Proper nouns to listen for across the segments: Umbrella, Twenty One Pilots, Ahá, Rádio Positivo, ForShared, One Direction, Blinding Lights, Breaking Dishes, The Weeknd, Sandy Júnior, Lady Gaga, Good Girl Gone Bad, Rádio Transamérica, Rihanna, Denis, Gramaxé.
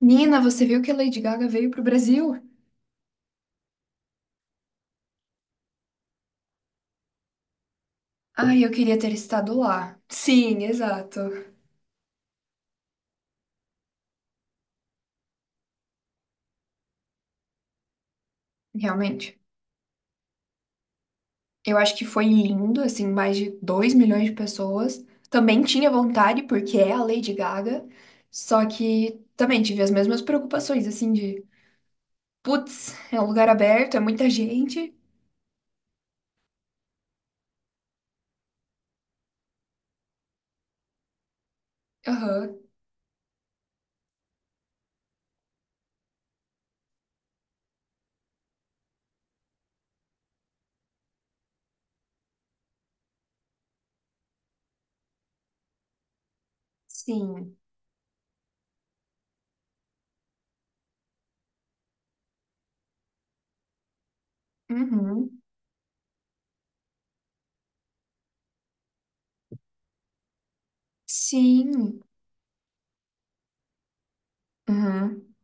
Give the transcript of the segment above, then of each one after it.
Nina, você viu que a Lady Gaga veio pro Brasil? Ai, eu queria ter estado lá. Sim, exato. Realmente. Eu acho que foi lindo, assim, mais de 2 milhões de pessoas. Também tinha vontade, porque é a Lady Gaga. Só que também tive as mesmas preocupações, assim, de putz, é um lugar aberto, é muita gente. Aham. Sim. Uhum. Sim. Uhum.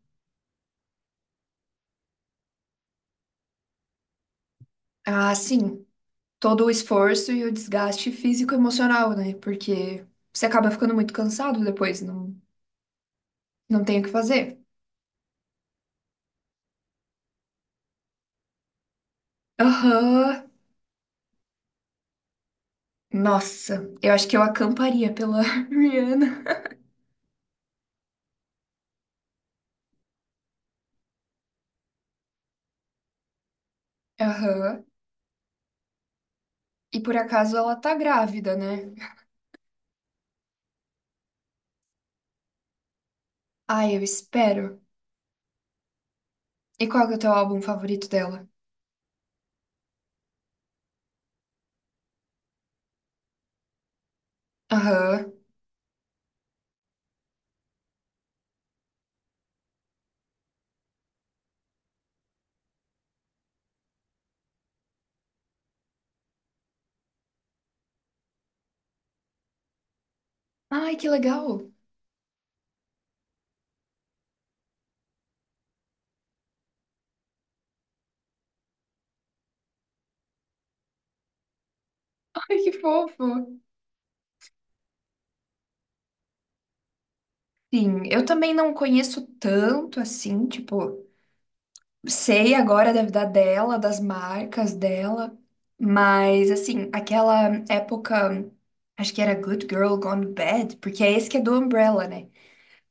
Ah, sim. Todo o esforço e o desgaste físico e emocional, né? Porque você acaba ficando muito cansado depois, não, não tem o que fazer. Aham. Nossa, eu acho que eu acamparia pela Rihanna. Aham. E por acaso ela tá grávida, né? Ai, eu espero. E qual que é o teu álbum favorito dela? Aham. Ai, que legal. Ai, que fofo. Sim, eu também não conheço tanto assim, tipo. Sei agora da vida dela, das marcas dela, mas assim, aquela época, acho que era Good Girl Gone Bad, porque é esse que é do Umbrella, né?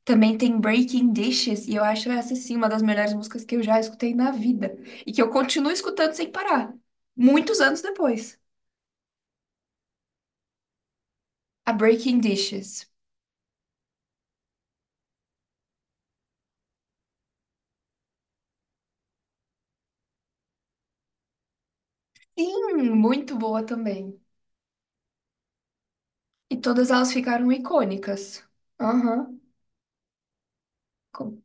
Também tem Breaking Dishes, e eu acho essa sim uma das melhores músicas que eu já escutei na vida, e que eu continuo escutando sem parar, muitos anos depois. A Breaking Dishes. Sim, muito boa também. E todas elas ficaram icônicas. Aham, com-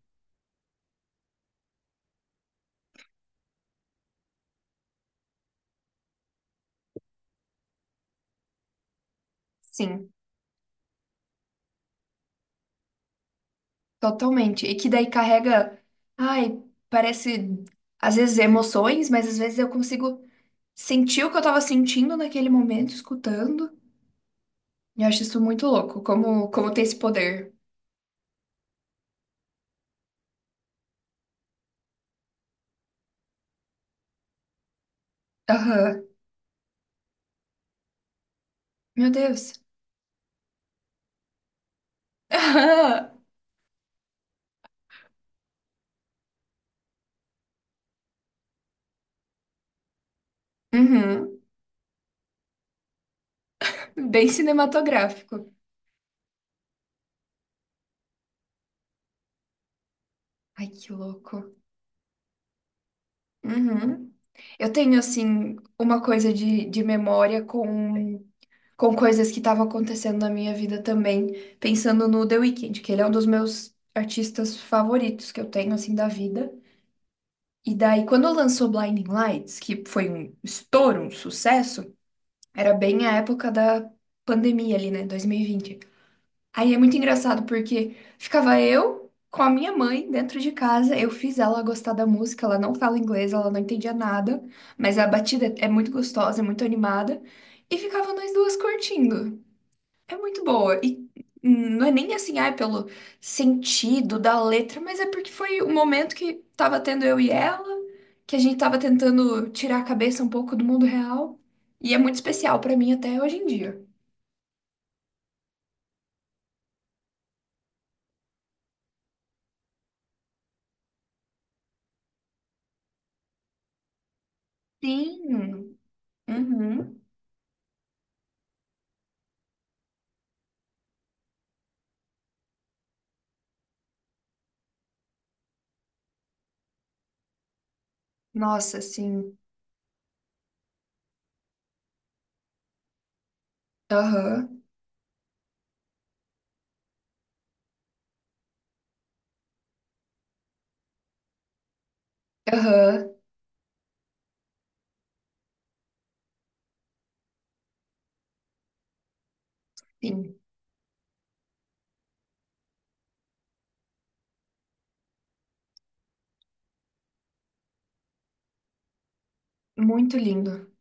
sim. Totalmente. E que daí carrega, ai, parece às vezes emoções, mas às vezes eu consigo sentir o que eu tava sentindo naquele momento, escutando. E eu acho isso muito louco, como tem esse poder. Aham. Meu Deus. Aham. Uhum. Bem cinematográfico. Ai, que louco. Uhum. Eu tenho, assim, uma coisa de memória com coisas que estavam acontecendo na minha vida também, pensando no The Weeknd, que ele é um dos meus artistas favoritos que eu tenho, assim, da vida. E daí, quando lançou Blinding Lights, que foi um estouro, um sucesso, era bem a época da pandemia ali, né, 2020. Aí é muito engraçado, porque ficava eu com a minha mãe dentro de casa, eu fiz ela gostar da música, ela não fala inglês, ela não entendia nada, mas a batida é muito gostosa, é muito animada, e ficavam nós duas curtindo. É muito boa. E não é nem assim, ah, é pelo sentido da letra, mas é porque foi o momento que tava tendo eu e ela, que a gente tava tentando tirar a cabeça um pouco do mundo real. E é muito especial pra mim até hoje em dia. Sim. Uhum. Nossa, sim. Aham. Aham. Sim. Muito lindo.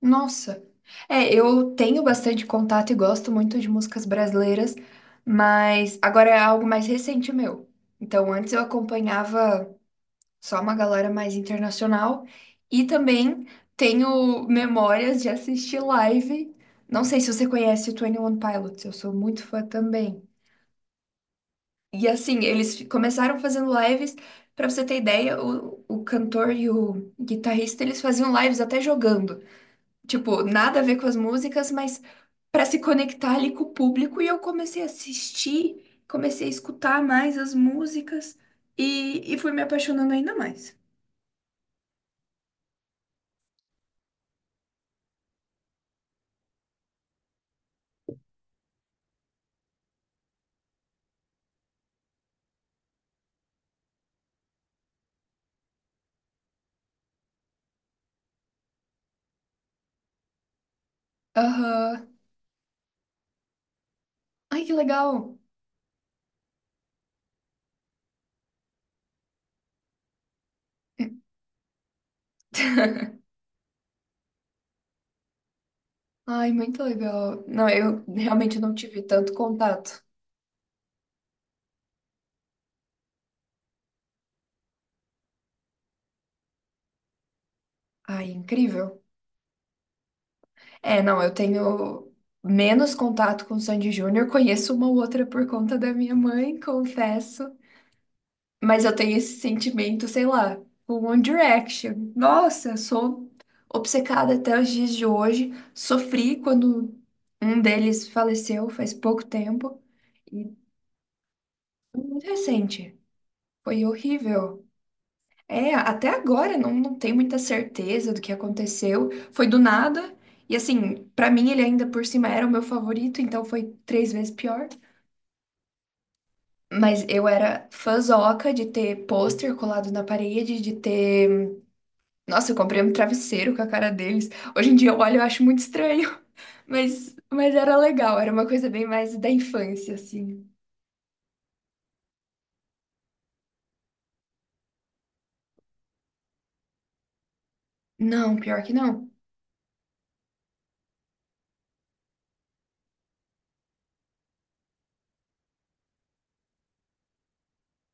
Nossa. É, eu tenho bastante contato e gosto muito de músicas brasileiras, mas agora é algo mais recente meu. Então, antes eu acompanhava só uma galera mais internacional e também tenho memórias de assistir live. Não sei se você conhece o twenty One Pilots, eu sou muito fã também. E assim, começaram fazendo lives, pra você ter ideia, o cantor e o guitarrista, eles faziam lives até jogando. Tipo, nada a ver com as músicas, mas para se conectar ali com o público. E eu comecei a assistir, comecei a escutar mais as músicas e fui me apaixonando ainda mais. Aham. Ai, que legal! Ai, muito legal. Não, eu realmente não tive tanto contato. Ai, incrível. É, não, eu tenho menos contato com o Sandy Júnior, conheço uma ou outra por conta da minha mãe, confesso. Mas eu tenho esse sentimento, sei lá, com One Direction. Nossa, eu sou obcecada até os dias de hoje. Sofri quando um deles faleceu faz pouco tempo. E muito recente. Foi horrível. É, até agora não, não tenho muita certeza do que aconteceu. Foi do nada. E assim, pra mim ele ainda por cima era o meu favorito, então foi 3 vezes pior. Mas eu era fãzoca de ter pôster colado na parede, de ter Nossa, eu comprei um travesseiro com a cara deles. Hoje em dia eu olho e eu acho muito estranho, mas era legal, era uma coisa bem mais da infância, assim. Não, pior que não.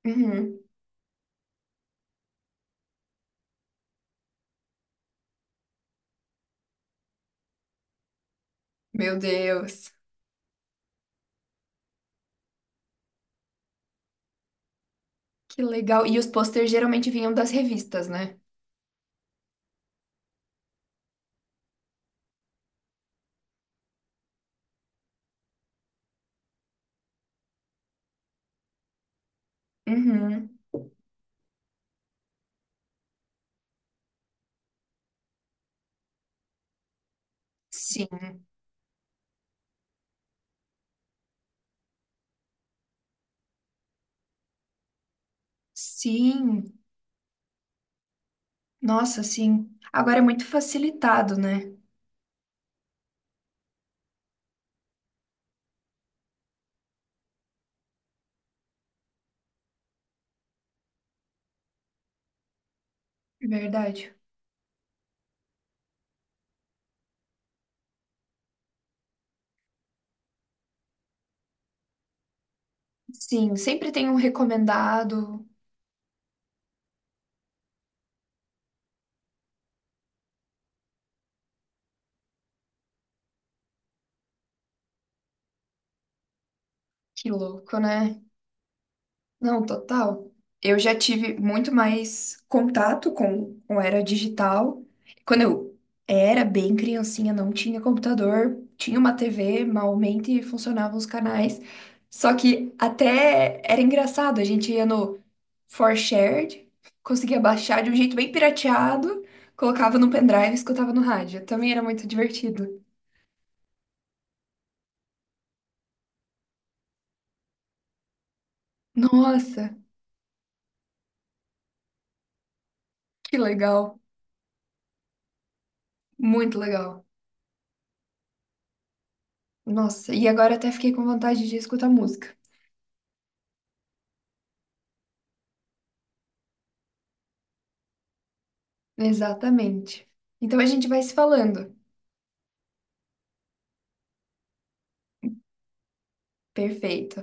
Uhum. Meu Deus, que legal. E os posters geralmente vinham das revistas, né? Uhum. Sim, sim. Nossa, sim. Agora é muito facilitado, né? É verdade. Sim, sempre tem um recomendado. Que louco, né? Não, total. Eu já tive muito mais contato com era digital. Quando eu era bem criancinha, não tinha computador, tinha uma TV, malmente funcionavam os canais. Só que até era engraçado, a gente ia no ForShared, conseguia baixar de um jeito bem pirateado, colocava no pendrive e escutava no rádio. Também era muito divertido. Nossa, que legal, muito legal. Nossa, e agora até fiquei com vontade de escutar música. Exatamente. Então a gente vai se falando. Perfeito.